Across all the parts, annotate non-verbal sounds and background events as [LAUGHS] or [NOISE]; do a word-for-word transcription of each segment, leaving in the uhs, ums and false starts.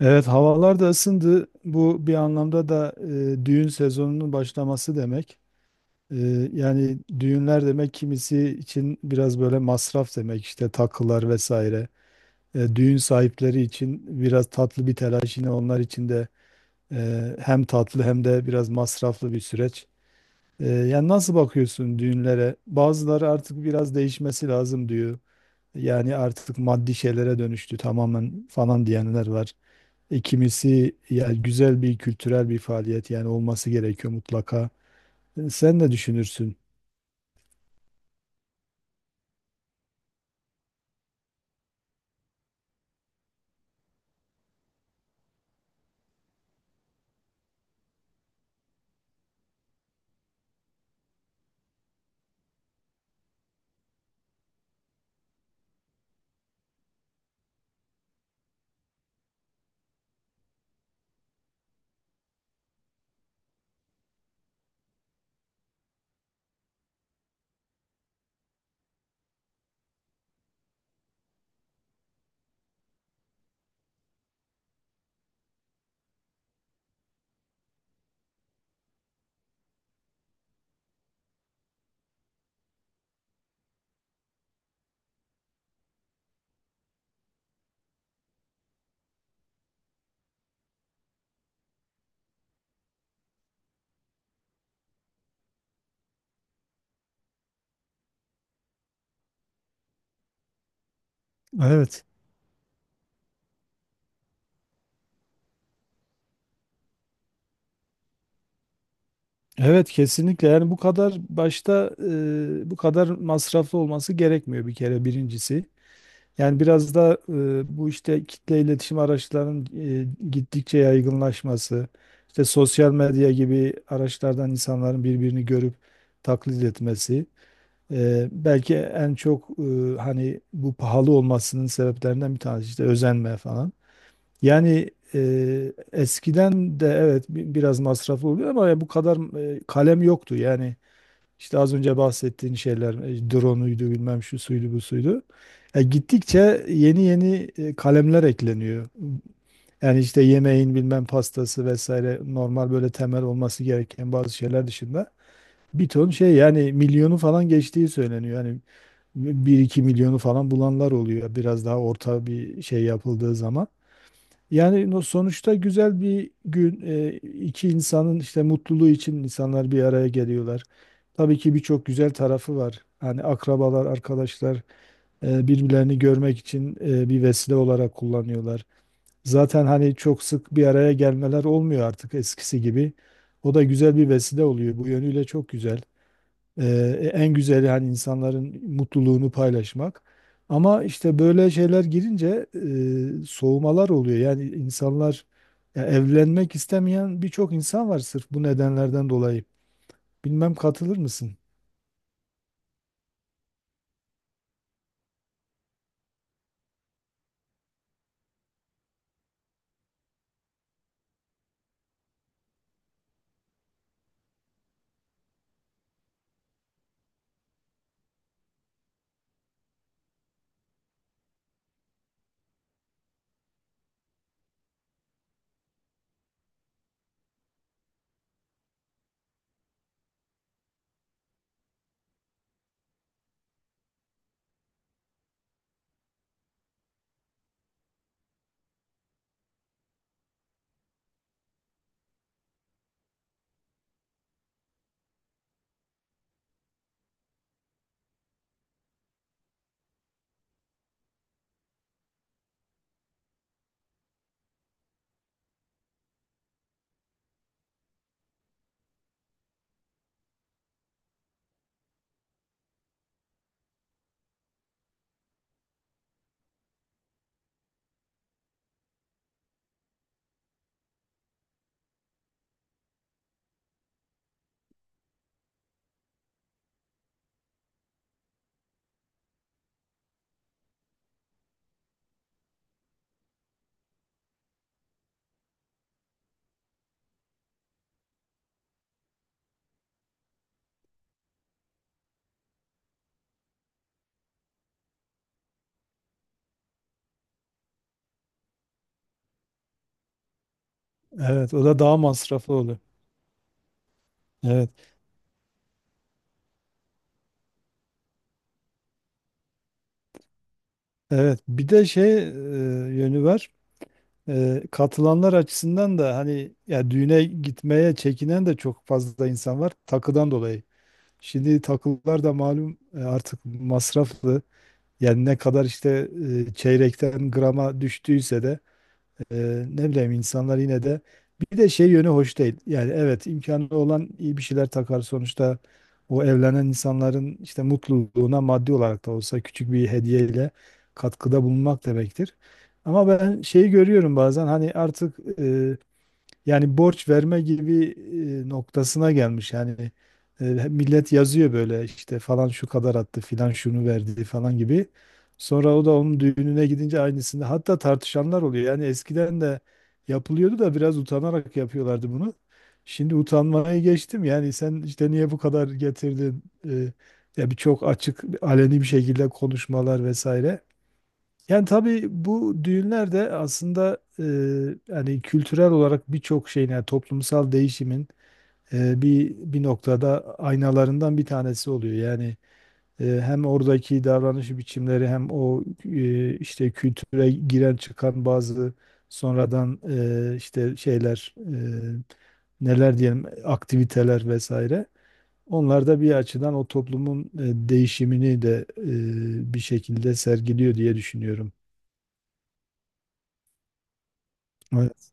Evet, havalar da ısındı. Bu bir anlamda da e, düğün sezonunun başlaması demek. E, yani düğünler demek kimisi için biraz böyle masraf demek işte takılar vesaire. E, düğün sahipleri için biraz tatlı bir telaş yine onlar için de e, hem tatlı hem de biraz masraflı bir süreç. E, yani nasıl bakıyorsun düğünlere? Bazıları artık biraz değişmesi lazım diyor. Yani artık maddi şeylere dönüştü tamamen falan diyenler var. E, Kimisi ya güzel bir kültürel bir faaliyet yani olması gerekiyor mutlaka. E, Sen ne düşünürsün? Evet. Evet, kesinlikle yani bu kadar başta e, bu kadar masraflı olması gerekmiyor bir kere birincisi. Yani biraz da e, bu işte kitle iletişim araçlarının e, gittikçe yaygınlaşması, işte sosyal medya gibi araçlardan insanların birbirini görüp taklit etmesi. Eee, belki en çok eee, hani bu pahalı olmasının sebeplerinden bir tanesi işte özenme falan. Yani eee, eskiden de evet bi- biraz masraflı oluyor ama bu kadar eee, kalem yoktu. Yani işte az önce bahsettiğin şeyler e, drone'uydu bilmem şu suydu bu suydu. E, gittikçe yeni yeni e, kalemler ekleniyor. Yani işte yemeğin bilmem pastası vesaire normal böyle temel olması gereken bazı şeyler dışında bir ton şey yani milyonu falan geçtiği söyleniyor. Yani bir iki milyonu falan bulanlar oluyor. Biraz daha orta bir şey yapıldığı zaman. Yani no- sonuçta güzel bir gün, e, iki insanın işte mutluluğu için insanlar bir araya geliyorlar. Tabii ki birçok güzel tarafı var. Hani akrabalar, arkadaşlar e, birbirlerini görmek için e, bir vesile olarak kullanıyorlar. Zaten hani çok sık bir araya gelmeler olmuyor artık eskisi gibi. O da güzel bir vesile oluyor. Bu yönüyle çok güzel. Ee, en güzeli hani insanların mutluluğunu paylaşmak. Ama işte böyle şeyler girince e, soğumalar oluyor. Yani insanlar ya evlenmek istemeyen birçok insan var sırf bu nedenlerden dolayı. Bilmem katılır mısın? Evet, o da daha masraflı oluyor. Evet, evet. Bir de şey e, yönü var. E, katılanlar açısından da hani ya düğüne gitmeye çekinen de çok fazla insan var takıdan dolayı. Şimdi takılar da malum e, artık masraflı. Yani ne kadar işte e, çeyrekten grama düştüyse de e, ne bileyim insanlar yine de bir de şey yönü hoş değil. Yani evet imkanı olan iyi bir şeyler takar sonuçta o evlenen insanların işte mutluluğuna maddi olarak da olsa küçük bir hediyeyle katkıda bulunmak demektir. Ama ben şeyi görüyorum bazen hani artık e, yani borç verme gibi e, noktasına gelmiş. Yani e, millet yazıyor böyle işte falan şu kadar attı filan şunu verdi falan gibi. Sonra o da onun düğününe gidince aynısını hatta tartışanlar oluyor. Yani eskiden de yapılıyordu da biraz utanarak yapıyorlardı bunu. Şimdi utanmayı geçtim. Yani sen işte niye bu kadar getirdin? E, Ya bir çok açık aleni bir şekilde konuşmalar vesaire. Yani tabii bu düğünler de aslında, e, hani kültürel olarak birçok şeyin yani toplumsal değişimin e, bir bir noktada aynalarından bir tanesi oluyor. Yani e, hem oradaki davranış biçimleri hem o e, işte kültüre giren çıkan bazı sonradan e, işte şeyler, e, neler diyelim aktiviteler vesaire. Onlar da bir açıdan o toplumun e, değişimini de e, bir şekilde sergiliyor diye düşünüyorum. Evet.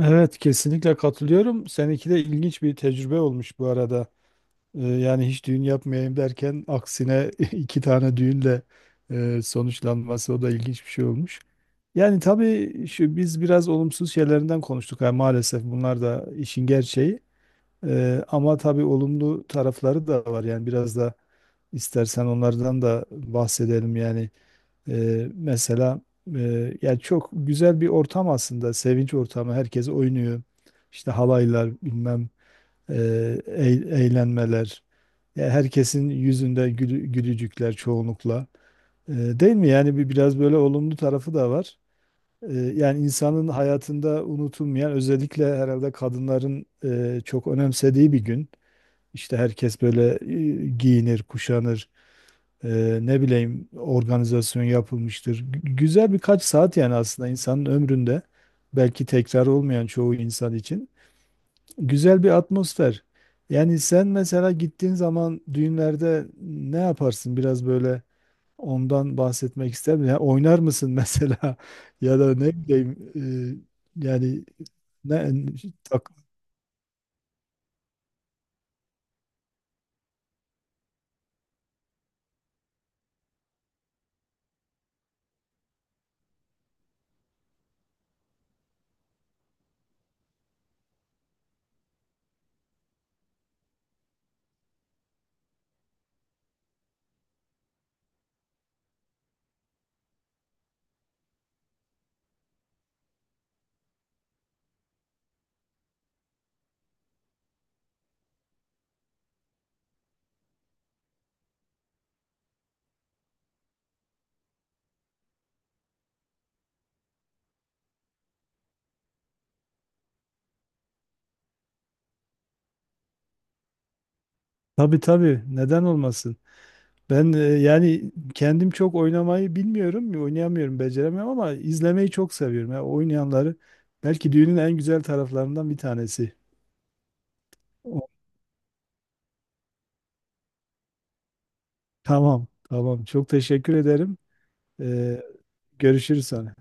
Evet, kesinlikle katılıyorum. Seninki de ilginç bir tecrübe olmuş bu arada. Ee, yani hiç düğün yapmayayım derken aksine [LAUGHS] iki tane düğünle e, sonuçlanması o da ilginç bir şey olmuş. Yani tabii şu biz biraz olumsuz şeylerinden konuştuk. Yani maalesef bunlar da işin gerçeği. Ee, ama tabii olumlu tarafları da var. Yani biraz da istersen onlardan da bahsedelim yani. Ee, mesela e, yani çok güzel bir ortam aslında. Sevinç ortamı. Herkes oynuyor. İşte halaylar bilmem, e, eğ- eğlenmeler. Ya herkesin yüzünde gülü- gülücükler çoğunlukla. Ee, Değil mi? Yani bir biraz böyle olumlu tarafı da var. Ee, yani insanın hayatında unutulmayan özellikle herhalde kadınların e, çok önemsediği bir gün. İşte herkes böyle e, giyinir, kuşanır. Eee, ne bileyim organizasyon yapılmıştır. Gü- Güzel birkaç saat yani aslında insanın ömründe belki tekrar olmayan çoğu insan için güzel bir atmosfer. Yani sen mesela gittiğin zaman düğünlerde ne yaparsın? Biraz böyle ondan bahsetmek ister misin? Yani oynar mısın [LAUGHS] mesela ya da ne bileyim eee, yani ne, tak, tabii tabii, neden olmasın? Ben e, yani kendim çok oynamayı bilmiyorum, oynayamıyorum, beceremiyorum ama izlemeyi çok seviyorum. Yani oynayanları belki düğünün en güzel taraflarından bir tanesi. O- Tamam, tamam. Çok teşekkür ederim. Ee, Görüşürüz sonra.